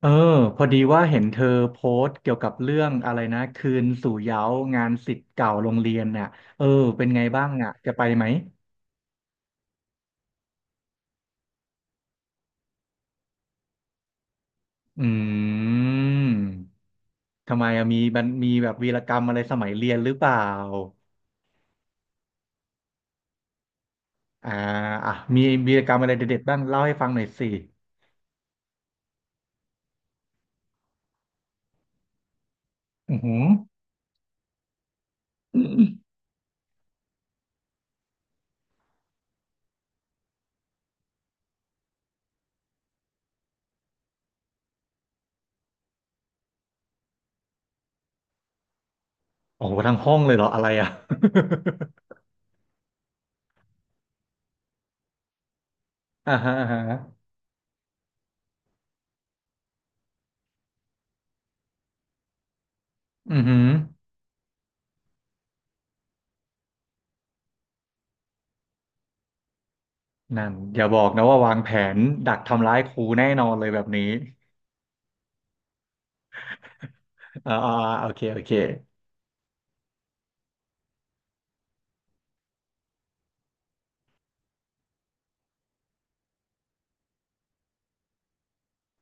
เออพอดีว่าเห็นเธอโพสต์เกี่ยวกับเรื่องอะไรนะคืนสู่เหย้างานศิษย์เก่าโรงเรียนน่ะเออเป็นไงบ้างอ่ะจะไปไหมอืมทำไมอะมีมีแบบวีรกรรมอะไรสมัยเรียนหรือเปล่าอ่าอ่ะมีวีรกรรมอะไรเด็ดๆบ้างเล่าให้ฟังหน่อยสิอือหือโอ้โหทั้งห้องเลยเหรออะไรอ่ะ อ่าฮะอ่าฮะอือหือนั่นอย่าบอกนะว่าวางแผนดักทำร้ายครูแน่นอนเลยแบบนี้อ่าอ่าอ่าโอเคโอเค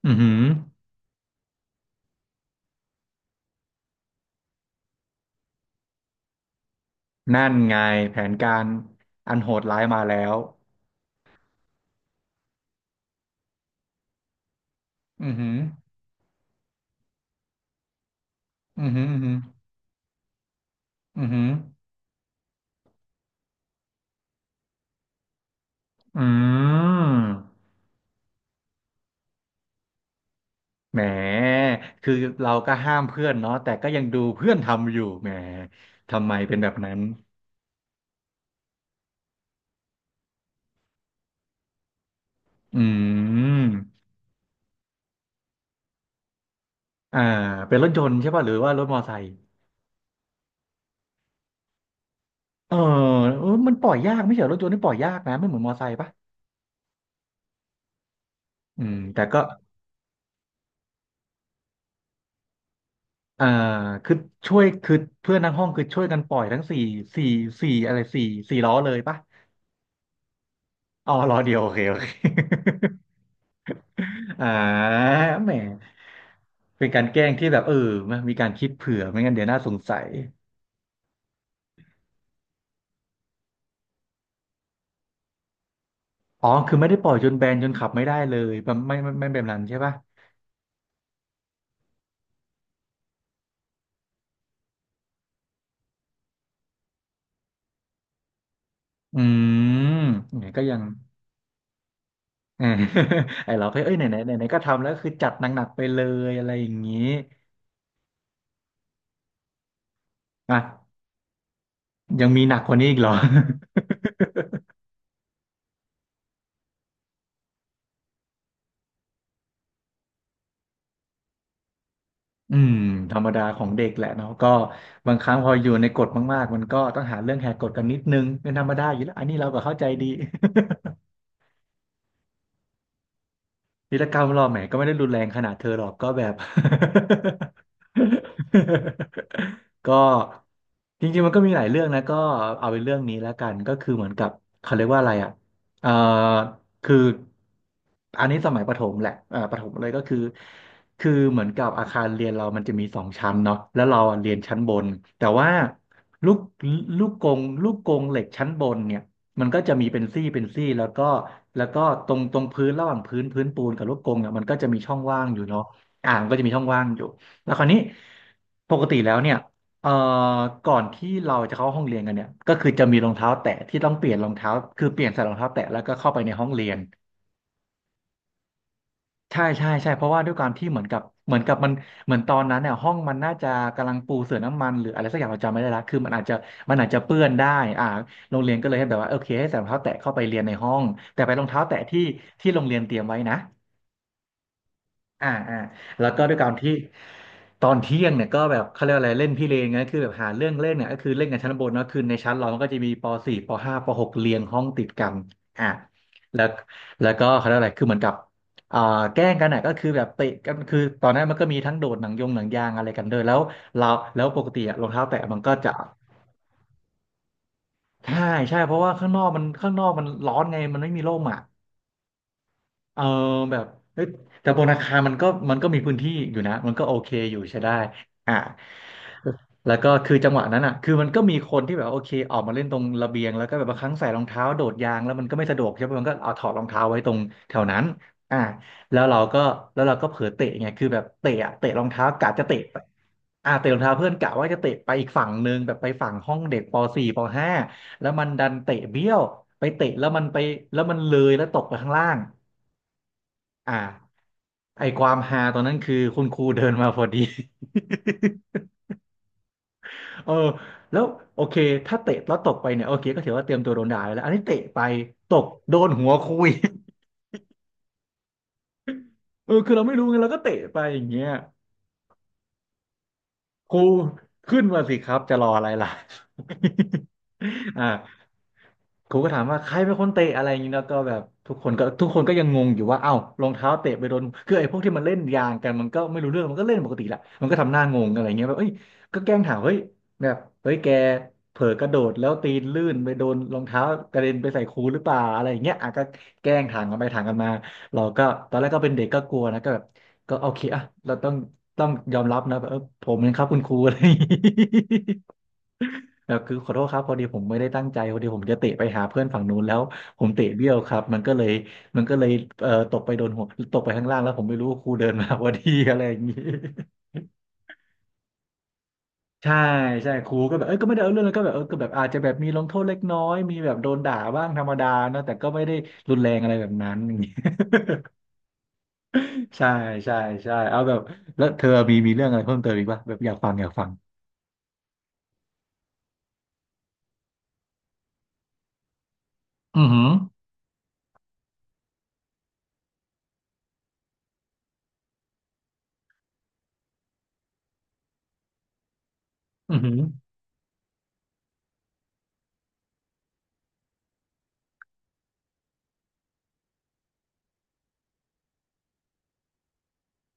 อือหือนั่นไงแผนการอันโหดร้ายมาแล้วอือหืออือหืออือหืออือหืออืมแหมคือเราก็ห้ามเพื่อนเนาะแต่ก็ยังดูเพื่อนทำอยู่แหมทำไมเป็นแบบนั้นอืมอ่าเป็นรถยนต์ใช่ป่ะหรือว่ารถมอไซค์เออเออมันปล่อยยากไม่ใช่เหรอรถยนต์นี่ปล่อยยากนะไม่เหมือนมอไซค์ป่ะอืมแต่ก็ อ่าคือช่วยคือเพื่อนทั้งห้องคือช่วยกันปล่อยทั้งสี่สี่สี่อะไรสี่สี่ล้อเลยปะอ๋อล้อเดียวโอเคโอเค อ่าแหมเป็นการแกล้งที่แบบมันมีการคิดเผื่อไม่งั้นเดี๋ยวน่าสงสัยอ๋อคือไม่ได้ปล่อยจนแบนจนขับไม่ได้เลยแบบไม่แบบนั้นใช่ปะอืมเนี่ยก็ยัง เออ ไอเราก็เอ้ยไหนไหนไหนไหนก็ทำแล้วคือจัดหนักๆไปเลยอะไรอย่างนี้อ่ะยังมีหนักกว่านี้อีกเหรอ อืมธรรมดาของเด็กแหละเนาะก็บางครั้งพออยู่ในกฎมากๆมันก็ต้องหาเรื่องแหกกฎกันนิดนึงเป็นธรรมดาอยู่แล้วอันนี้เราก็เข้าใจดี วีรกรรมหรอแหมก็ไม่ได้รุนแรงขนาดเธอหรอกก็แบบ ก็จริงๆมันก็มีหลายเรื่องนะก็เอาเป็นเรื่องนี้แล้วกันก็คือเหมือนกับเขาเรียกว่าอะไรอ่ะเอ่อคืออันนี้สมัยประถมแหละประถมเลยก็คือคือเหมือนกับอาคารเรียนเรามันจะมีสองชั้นเนาะแล้วเราอะเรียนชั้นบนแต่ว่าลูกลูกกงลูกกงเหล็กชั้นบนเนี่ย มันก็จะมีเป็นซี่เป็นซี่แล้วก็ตรงพื้นระหว่างพื้นปูนกับลูกกรงเนี่ยมันก็จะมีช่องว่างอยู่เนาะมันก็จะมีช่องว่างอยู่แล้วคราวนี้ปกติแล้วเนี่ยเอ่อก่อนที่เราจะเข้าห้องเรียนกันเนี่ยก็คือจะมีรองเท้าแตะที่ต้องเปลี่ยนรองเท้าคือเปลี่ยนใส่รองเท้าแตะแล้วก็เข้าไปในห้องเรียน ใช่ใช่ใช่เพราะว่าด้วยความที่เหมือนกับเหมือนกับมันเหมือนตอนนั้นเนี่ยห้องมันน่าจะกำลังปูเสื่อน้ำมันหรืออะไรสักอย่างเราจำไม่ได้ละคือมันอาจจะเปื้อนได้อ่าโรงเรียนก็เลยให้แบบว่าโอเคให้ใส่รองเท้าแตะเข้าไปเรียนในห้องแต่ไปนรองเท้าแตะที่โรงเรียนเตรียมไว้นะ อ่าอ่าแล้วก็ด้วยการที่ตอนเที่ยงเนี่ยก็แบบเขาเรียกอะไรเล่นพี่เลนไงคือแบบหาเรื่องเล่นเนี่ยก็คือเล่นกันชั้นบนเนอะคือในชั้นเรามันก็จะมีปสี่ปห้าปหกเรียงห้องติดกันอ่าแล้วแล้วก็เขาเรียกอะไรคือเหมือนกับอ่าแกล้งกันอ่ะก็คือแบบเตะกันคือตอนนั้นมันก็มีทั้งโดดหนังยงหนังยางอะไรกันด้วยแล้วเราแล้วปกติอะรองเท้าแตะมันก็จะใช่ใช่เพราะว่าข้างนอกมันร้อนไงมันไม่มีร่มอ่ะ เออแบบเฮ้ยแต่บนอาคารมันก็มีพื้นที่อยู่นะมันก็โอเคอยู่ใช้ได้อ่าแล้วก็คือจังหวะนั้นอ่ะคือมันก็มีคนที่แบบว่าโอเคออกมาเล่นตรงระเบียงแล้วก็แบบบางครั้งใส่รองเท้าโดดยางแล้วมันก็ไม่สะดวกใช่ไหมมันก็เอาถอดรองเท้าไว้ตรงแถวนั้นอ่าแล้วเราก็แล้วเราก็เผลอเตะไงคือแบบเตะอะเตะรองเท้ากะจะเตะไปเตะรองเท้าเพื่อนกะว่าจะเตะไปอีกฝั่งหนึ่งแบบไปฝั่งห้องเด็กป .4 ป .5 แล้วมันดันเตะเบี้ยวไปเตะแล้วมันไปแล้วมันเลยแล้วตกไปข้างล่าง อ่าไอความฮาตอนนั้นคือคุณครูเดินมาพอดี เออแล้วโอเคถ้าเตะแล้วตกไปเนี่ยโอเคก็ถือว่าเตรียมตัวโดนด่าไปแล้วอันนี้เตะไปตกโดนหัวครูอีก เออคือเราไม่รู้ไงเราก็เตะไปอย่างเงี้ยครูขึ้นมาสิครับจะรออะไรล่ะ อ่า ครูก็ถามว่าใครเป็นคนเตะอะไรอย่างนี้แล้วก็แบบทุกคนก็ยังงงอยู่ว่าเอ้ารองเท้าเตะไปโดนคือไอ้พวกที่มันเล่นยางกันมันก็ไม่รู้เรื่องมันก็เล่นปกติแหละมันก็ทำหน้างงอะไรเงี้ยแบบเอ้ยก็แกล้งถามเฮ้ยแบบเฮ้ยแกเผลอกระโดดแล้วตีนลื่นไปโดนรองเท้ากระเด็นไปใส่ครูหรือเปล่าอะไรอย่างเงี้ยอ่ะก็แกล้งถามกันไปถามกันมาเราก็ตอนแรกก็เป็นเด็กก็กลัวนะก็แบบก็โอเคอ่ะเราต้องยอมรับนะแบบเออผมเองครับคุณครูอะไรอย่างงี้ เออคือขอโทษครับพอดีผมไม่ได้ตั้งใจพอดีผมจะเตะไปหาเพื่อนฝั่งนู้นแล้วผมเตะเบี้ยวครับมันก็เลยตกไปโดนหัวตกไปข้างล่างแล้วผมไม่รู้ครูเดินมา พอดีอะไรอย่างนี้ ใช่ใช่ครูก็แบบเอ้ยก็ไม่ได้เอาเรื่องแล้วก็แบบเออก็แบบอาจจะแบบมีลงโทษเล็กน้อยมีแบบโดนด่าบ้างธรรมดาเนอะแต่ก็ไม่ได้รุนแรงอะไรแบบนั้นอย่างนี้ ใช่ใช่ใช่เอาแบบแล้วเธอมีเรื่องอะไรเพิ่มเติมอีกป่ะแบบอยากฟังอือหืออือหือ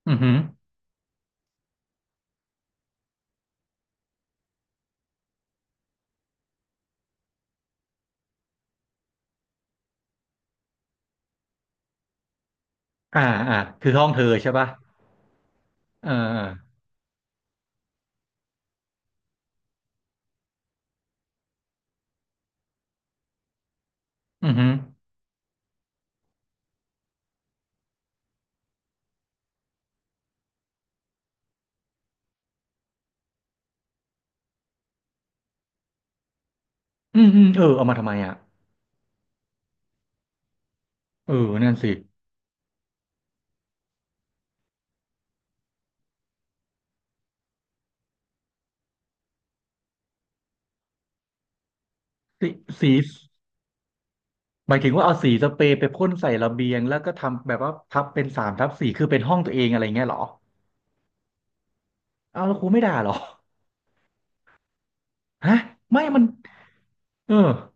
อือหืออ่าอ่าคือห้องเธอใช่ป่ะเออเอออือหือ อืมอืมเออเอามาทำไมอ่ะเออนั่นสิสีสีหมายถึงว่าเอาสีสเปรย์ไปพ่นใส่ระเบียงแล้วก็ทำแบบว่าทับเป็นสามทับสี่คือเป็นห้องตัวเองอะไรเงี้ยเหรอเอาแล้วครูไม่ด่าเหรอฮะไม่มันเออ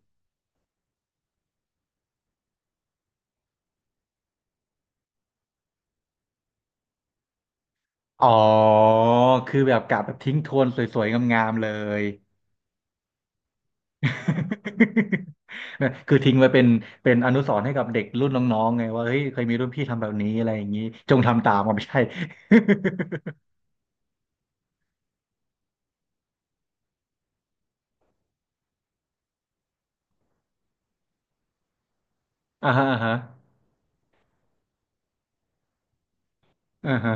อ๋อคือแบบกะแบบทิ้งทวนสวยๆงามๆเลย คือทิ้งไว้เป็นอนุสรณ์ให้กับเด็กรุ่นน้องๆไงว่าเฮ้ยเคยมีรุ่นพี่ทำแบบนี้อะไรอย่างนี้จงทำตามมันไม่ใช่ อ่าฮะอ่าฮะอ่าฮะ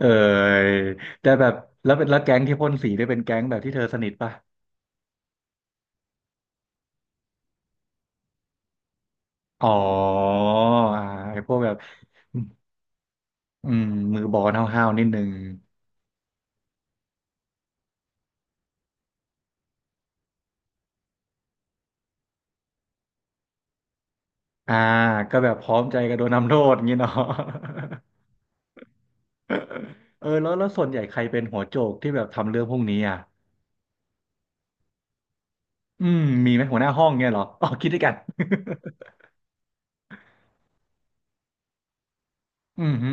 เออแต่แบบแล้วแก๊งที่พ่นสีได้เป็นแก๊งแบบที่เธอสนิทป่ะอ๋ออ่าไอ้พวกแบบอืมมือบอลห้าวๆนิดนึงอ่าก็แบบพร้อมใจกันโดนทำโทษอย่างนี้เนาะ เออแล้วส่วนใหญ่ใครเป็นหัวโจกที่แบบทำเรื่องพวกนี้อ่ะอืมมีไหมหัวหน้าห้องเงี้ยเหรอ อ๋อคิดด้วยกัน อืมฮึ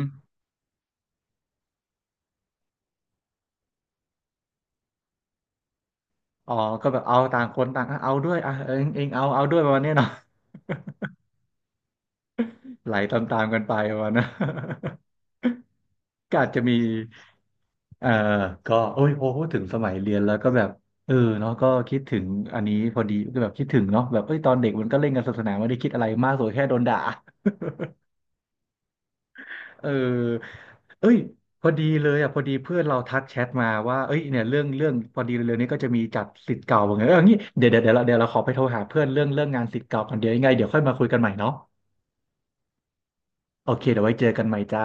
อ๋อก็แบบเอาต่างคนต่างอ่ะเอาด้วยอ่ะเองเอาเอาด้วยประมาณเนี้ยเนาะไหลตามๆกันไปประมาณนะ ก็อาจจะมี เออก็โอ้ยพอพูดถึงสมัยเรียนแล้วก็แบบเออเนาะก็คิดถึงอันนี้พอดีก็แบบคิดถึงเนาะแบบเอ้ยตอนเด็กมันก็เล่นกันสนุกสนานไม่ได้คิดอะไรมากสุดแค่โดนด่าเออเอ้ยพอดีเลยอ่ะพอดีเพื่อนเราทักแชทมาว่าเอ้ยเนี่ยเรื่องพอดีเร็วๆนี้ก็จะมีจัดศิษย์เก่าเหมอนกันเงี้ยเอองี้เดี๋ยวเดี๋ยวเดี๋ยวเราเดี๋ยวเราขอไปโทรหาเพื่อนเรื่องงานศิษย์เก่าก่อนเดี๋ยวยังไงเดี๋ยวค่อยมาคุยกันใหม่เนาะโอเคเดี๋ยวไว้เจอกันใหม่จ้า